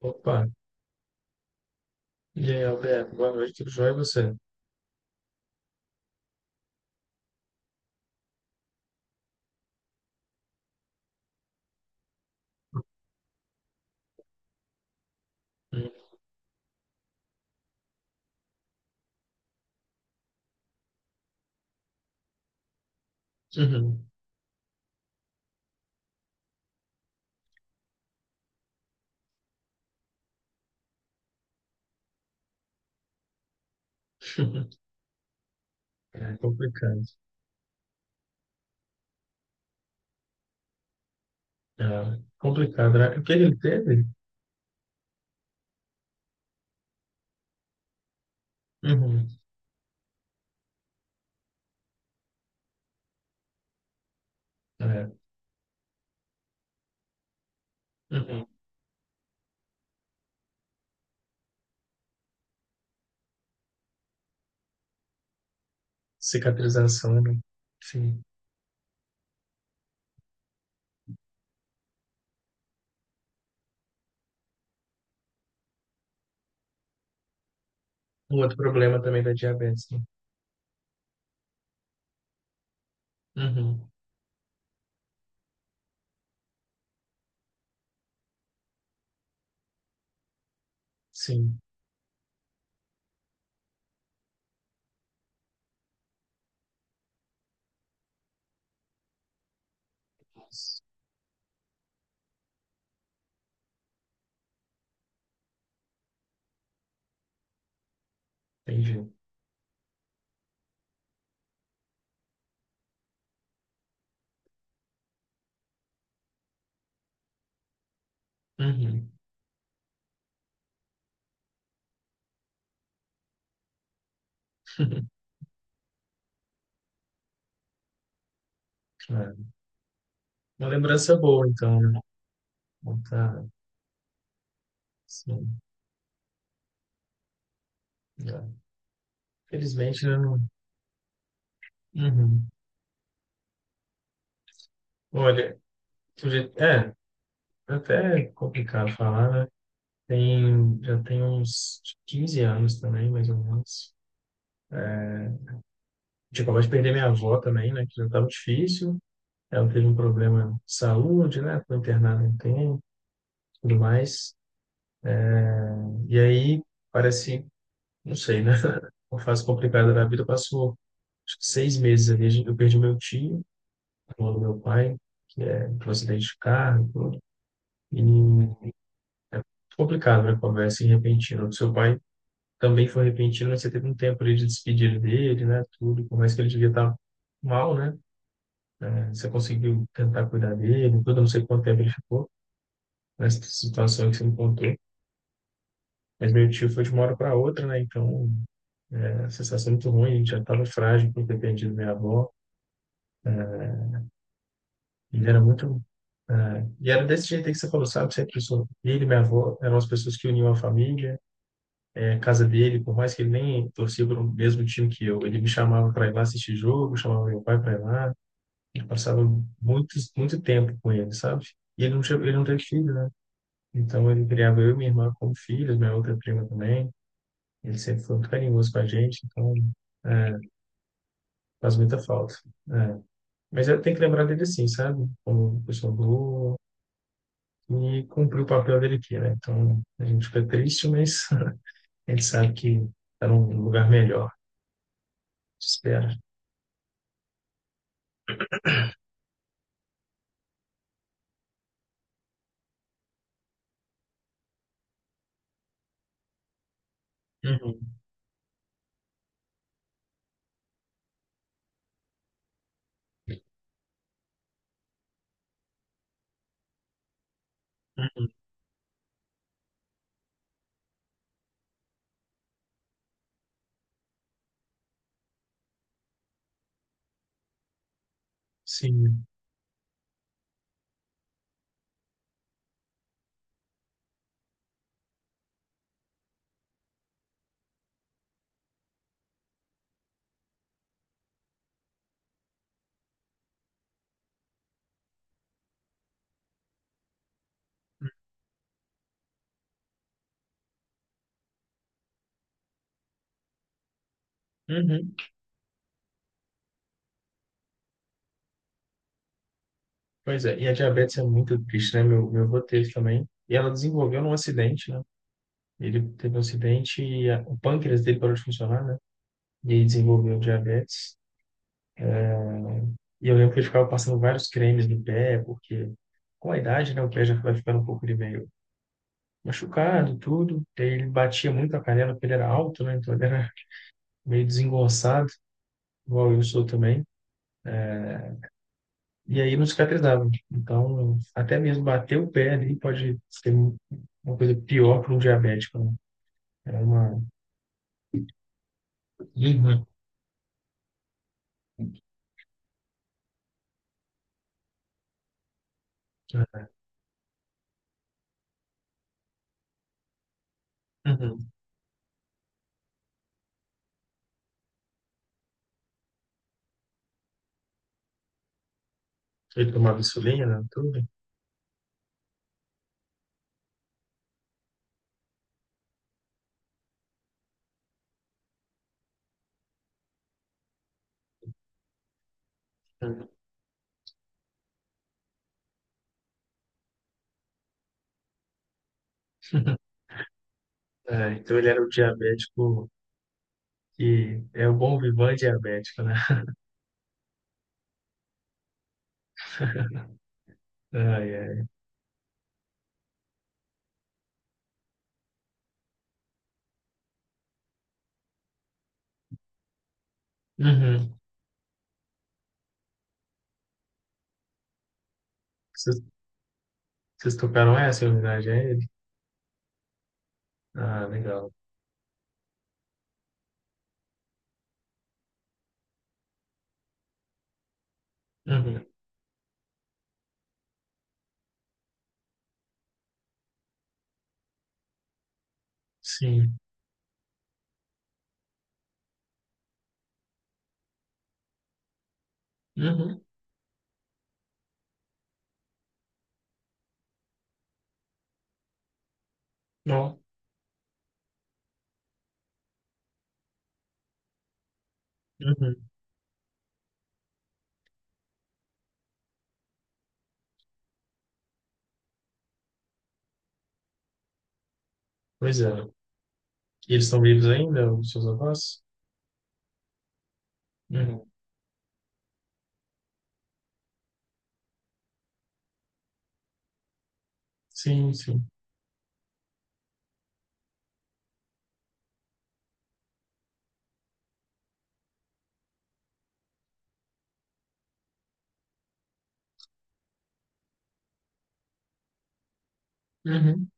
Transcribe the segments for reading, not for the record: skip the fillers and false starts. Opa, e aí, Alberto, boa noite, tudo jóia e você? Uhum. É complicado. É complicado, né? O que ele teve? Uhum. É. Uhum. Cicatrização, né? Sim. Um outro problema também da diabetes, né? Uhum. Sim. Entendi. Uhum. É. Uma lembrança boa, então, né? Não tá, sim. É. Felizmente, né? Não... Uhum. Olha, é até complicado falar, né? Já tem uns 15 anos também, mais ou menos. É, tipo, acabou de perder minha avó também, né? Que já estava difícil. Ela teve um problema de saúde, né? Foi internada um tempo, tudo mais. E aí, parece, não sei, né? Uma fase complicada da vida. Passou, acho que 6 meses ali. Eu perdi meu tio, irmão do meu pai, que é um acidente de carro e tudo. E é complicado, né? Conversa assim, repentina. O seu pai também foi repentino, né? Você teve um tempo ali de despedir dele, né? Tudo, por mais que ele devia estar mal, né? Você conseguiu tentar cuidar dele, tudo, não sei quanto tempo ele ficou nessa situação que você me contou. Mas meu tio foi de uma hora para outra, né? Então, é, a sensação muito ruim, a gente já estava frágil por ter perdido minha avó. Ele era muito. É, e era desse jeito aí que você falou, sabe? Sempre sou. Ele e minha avó eram as pessoas que uniam a família. É, a casa dele, por mais que ele nem torcia para o mesmo time que eu, ele me chamava para ir lá assistir jogo, chamava meu pai para ir lá. Ele passava muito, muito tempo com ele, sabe? E ele não, ele não teve filho, né? Então ele criava eu e minha irmã como filhos, minha outra prima também. Ele sempre foi muito carinhoso com a gente, então é, faz muita falta. É. Mas eu tenho que lembrar dele assim, sabe? Como pessoa boa e cumpriu o papel dele aqui, né? Então a gente fica triste, mas a gente sabe que está num lugar melhor. Espera. Uhum, uhum, sim. Uhum. Pois é, e a diabetes é muito triste, né? Meu avô teve também. E ela desenvolveu num acidente, né? Ele teve um acidente e o pâncreas dele parou de funcionar, né? E aí desenvolveu diabetes. E eu lembro que ele ficava passando vários cremes no pé, porque com a idade, né? O pé já vai ficando um pouco de meio machucado, tudo. E aí ele batia muito a canela, porque ele era alto, né? Então ele era meio desengonçado, igual eu sou também. E aí não cicatrizava. Então, até mesmo bater o pé ali pode ser uma coisa pior para um diabético, né? Era uma. Uhum. Uhum. Ele tomava insulina, né? Tudo. Uhum. É, então ele era o diabético que é o bom vivan diabético, né? Ai, ai. Uhum. Vocês, vocês tocaram essa em homenagem a ele? Ah, legal. Uhum. Sim. Uhum. Ó. Uhum. Pois é. E eles estão vivos ainda, os seus avós? Uhum. Sim, sim. Uhum.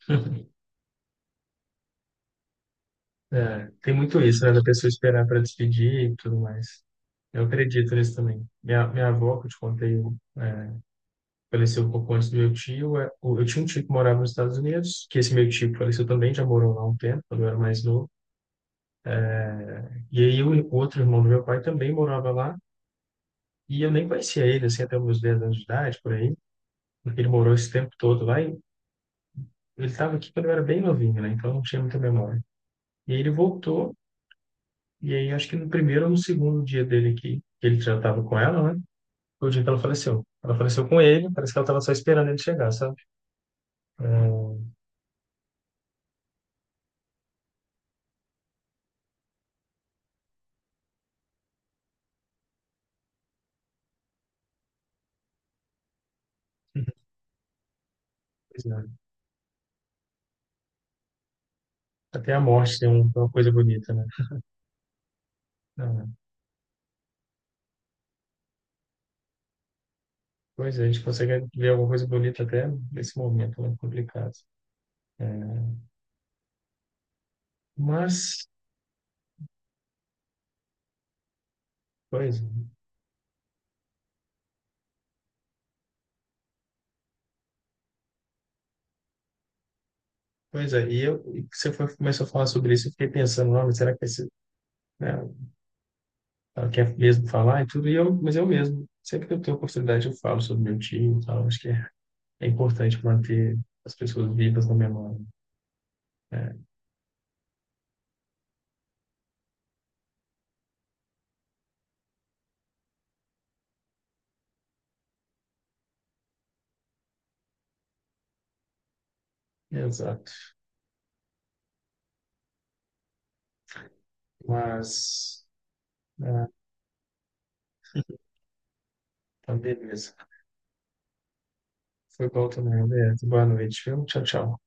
É, tem muito isso, né? Da pessoa esperar para despedir e tudo mais. Eu acredito nisso também. Minha avó, que eu te contei, é, faleceu um pouco antes do meu tio. É, Eu tinha um tio que morava nos Estados Unidos, que esse meu tio que faleceu também, já morou lá um tempo, quando eu era mais novo. E aí o outro irmão do meu pai também morava lá, e eu nem conhecia ele, assim, até os meus 10 anos de idade, por aí, porque ele morou esse tempo todo lá, e ele estava aqui quando eu era bem novinho, né? Então eu não tinha muita memória. E aí ele voltou, e aí acho que no primeiro ou no segundo dia dele aqui, que ele já estava com ela, né? Foi o dia que ela faleceu. Ela faleceu com ele, parece que ela estava só esperando ele chegar, sabe? É, pois é. Até a morte tem uma coisa bonita, né? É, pois é, a gente consegue ver alguma coisa bonita até nesse momento, né? Complicado. É, mas, pois, é. Pois é, e eu, e você foi, começou a falar sobre isso, eu fiquei pensando, não, mas será que esse, né, ela quer mesmo falar e tudo, e eu, mas eu mesmo, sempre que eu tenho oportunidade eu falo sobre meu tio e tal, acho que é importante manter as pessoas vivas na memória. É, exato. Mas... Ah, tá, beleza. Foi bom também, beleza. Boa noite, viu? Tchau, tchau.